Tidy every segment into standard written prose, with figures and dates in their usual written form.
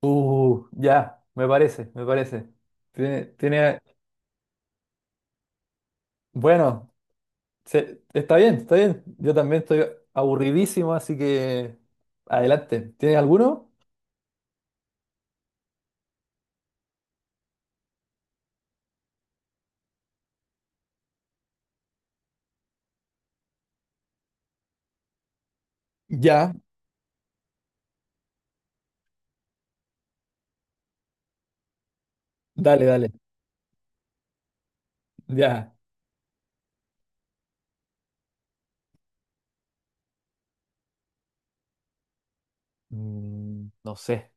Ya, me parece, me parece. Tiene, tiene, bueno, está bien, está bien. Yo también estoy aburridísimo, así que adelante. ¿Tienes alguno? Ya, dale, dale. Ya. No sé.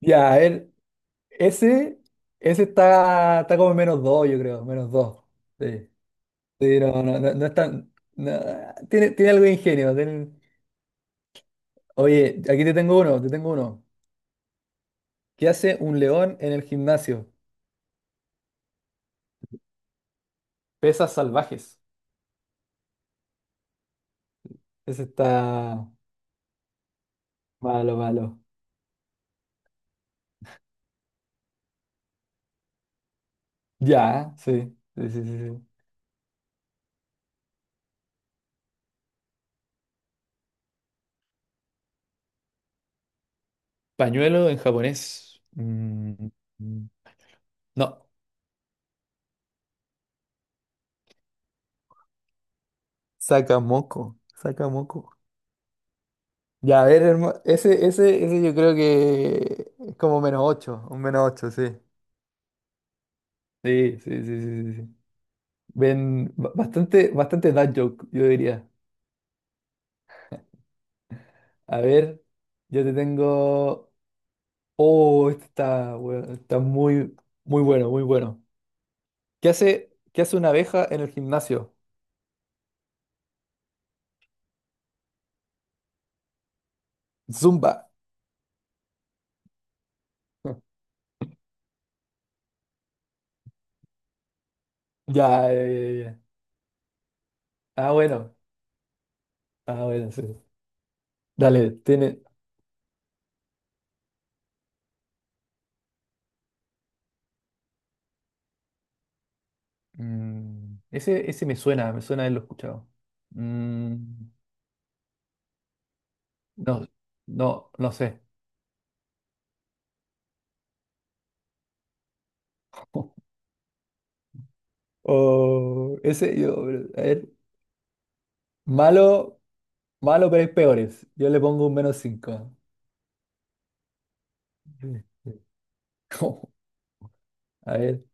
Ya, a ver, ese, ese está como en menos dos, yo creo, menos dos. Sí. Sí, no, no, no, no es tan. No, tiene, tiene algo de ingenio. Oye, aquí te tengo uno, te tengo uno. ¿Qué hace un león en el gimnasio? Pesas salvajes. Ese está malo, malo. Ya, sí. Sí, sí, sí, sí. Pañuelo en japonés. Mm, no. Sacamoco, sacamoco. Ya, a ver, hermano. Ese yo creo que es como menos ocho, un menos ocho, sí. Sí, sí, sí, sí, sí, sí. Ven, bastante, bastante dad joke, yo diría. A ver, yo te tengo. Oh, este está, bueno, está muy, muy bueno, muy bueno. ¿Qué hace una abeja en el gimnasio? Zumba. Ya, ya, ya, ya. Ah, bueno. Ah, bueno, sí. Dale, tiene. Ese me suena haberlo escuchado. Mm, no, no, no sé. Oh, ese yo, a ver, malo, malo, pero hay peores. Yo le pongo un menos 5. A ver,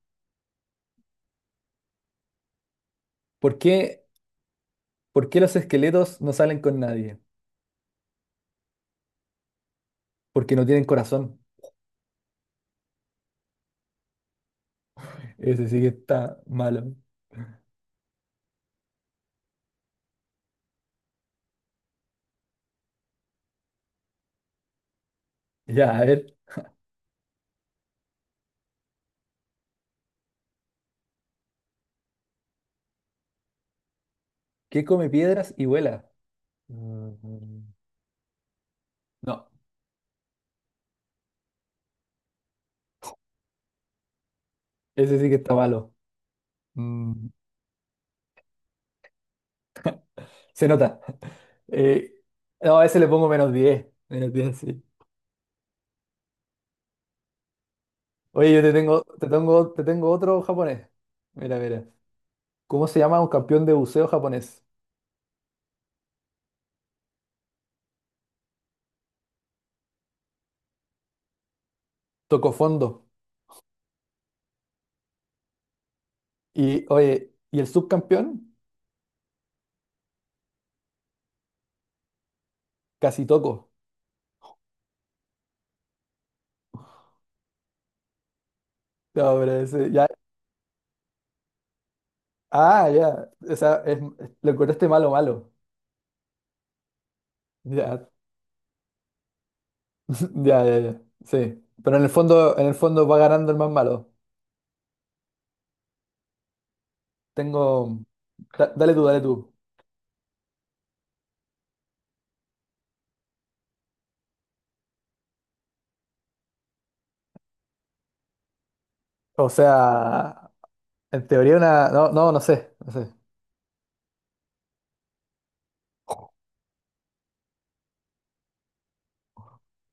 ¿por qué, por qué los esqueletos no salen con nadie? Porque no tienen corazón. Ese sí que está malo. Ya, a ver. ¿Qué come piedras y vuela? Mm, No, ese sí que está malo. Mm, Se nota. Eh, no, a ese le pongo -10. -10, sí. Oye, yo te tengo otro japonés. Mira, mira. ¿Cómo se llama un campeón de buceo japonés? Tocó fondo. Y, oye, ¿y el subcampeón? Casi toco. No, pero ese, ya. Ah, ya. O sea, lo encontraste malo, malo. Ya, ya, ya, ya. Sí. Pero en el fondo va ganando el más malo. Tengo. Dale tú, dale tú. O sea, en teoría una. No, no, no sé. No sé.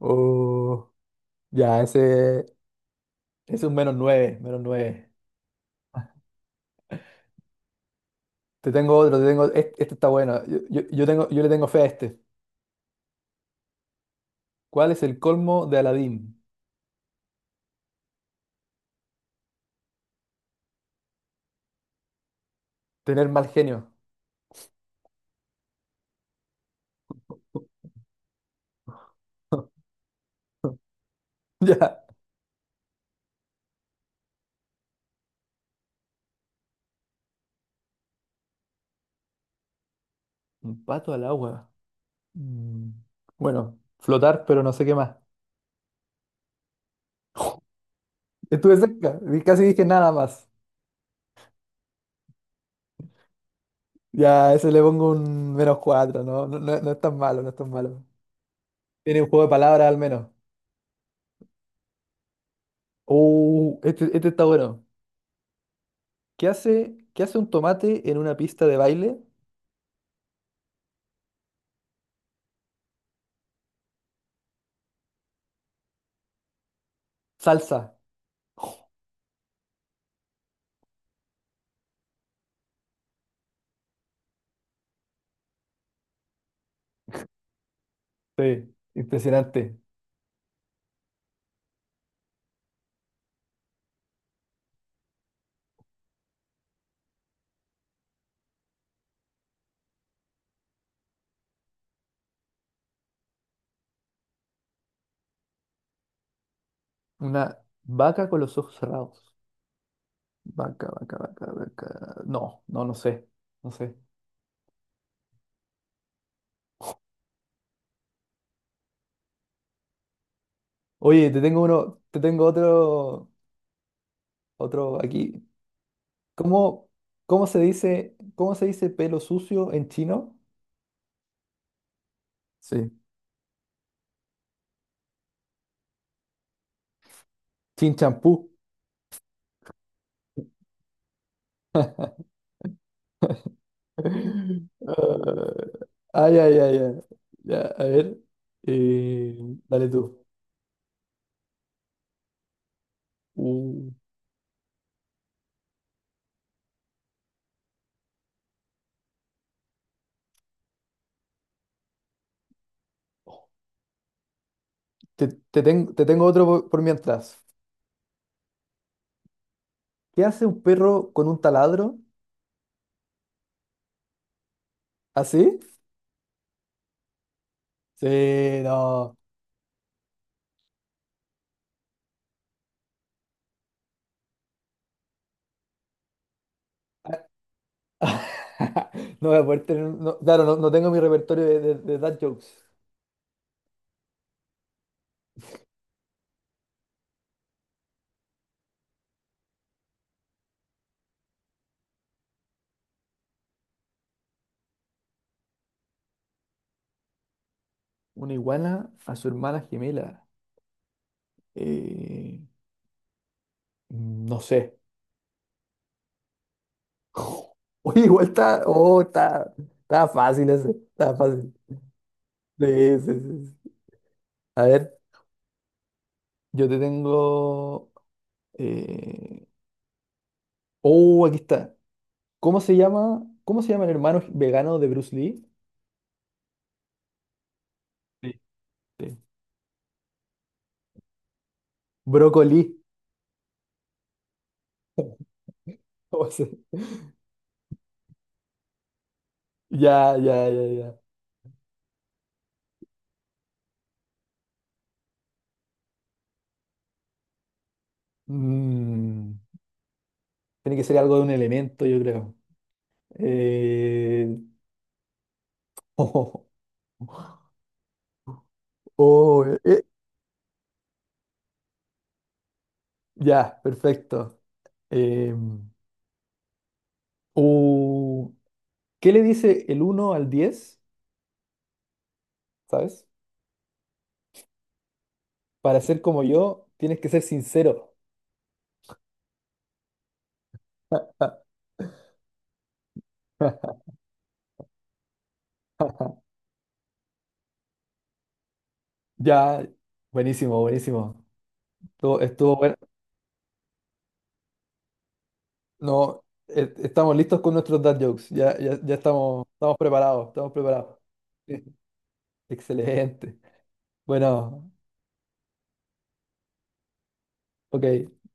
Uh, ya, ese es un menos nueve, menos nueve. Te tengo otro, te tengo. Este está bueno. Yo le tengo fe a este. ¿Cuál es el colmo de Aladín? Tener mal genio. Ya. Un pato al agua. Mm, Bueno, flotar, pero no sé qué más. Estuve cerca. Casi dije nada más. Ya, a ese le pongo un menos cuatro, ¿no? No, no es tan malo, no es tan malo. Tiene un juego de palabras al menos. Este está bueno. ¿Qué hace un tomate en una pista de baile? Salsa. Sí, impresionante. Una vaca con los ojos cerrados. Vaca, vaca, vaca, vaca. No, no, no sé. No sé. Oye, te tengo uno, te tengo otro aquí. ¿Cómo, cómo se dice pelo sucio en chino? Sí. Chin champú. Ah, ay, ay, ay, ay. Ya, a ver. eh, Dale tú. Uh, te tengo otro por mientras. ¿Qué hace un perro con un taladro? ¿Así? Sí, sí, no. No voy a poder tener. No, claro, no, no tengo mi repertorio de dad jokes. Una iguana a su hermana gemela. Eh, no sé. Oye, igual está. Oh, está fácil ese. Está fácil. Sí, sí, sí, sí. A ver. Yo te tengo. eh, Oh, aquí está. ¿Cómo se llama el hermano vegano de Bruce Lee? Sí. Sí. Brócoli. ¿Cómo se- Ya, ya, ya, ya. Mm, Tiene que ser algo de un elemento, yo creo. Eh, Oh, ya, perfecto. Eh, uh, ¿Qué le dice el uno al 10? ¿Sabes? Para ser como yo, tienes que ser sincero. Ya, buenísimo, buenísimo. Estuvo bueno. No, estamos listos con nuestros dad jokes. Ya, ya, ya estamos preparados, estamos preparados. Excelente. Bueno, ok.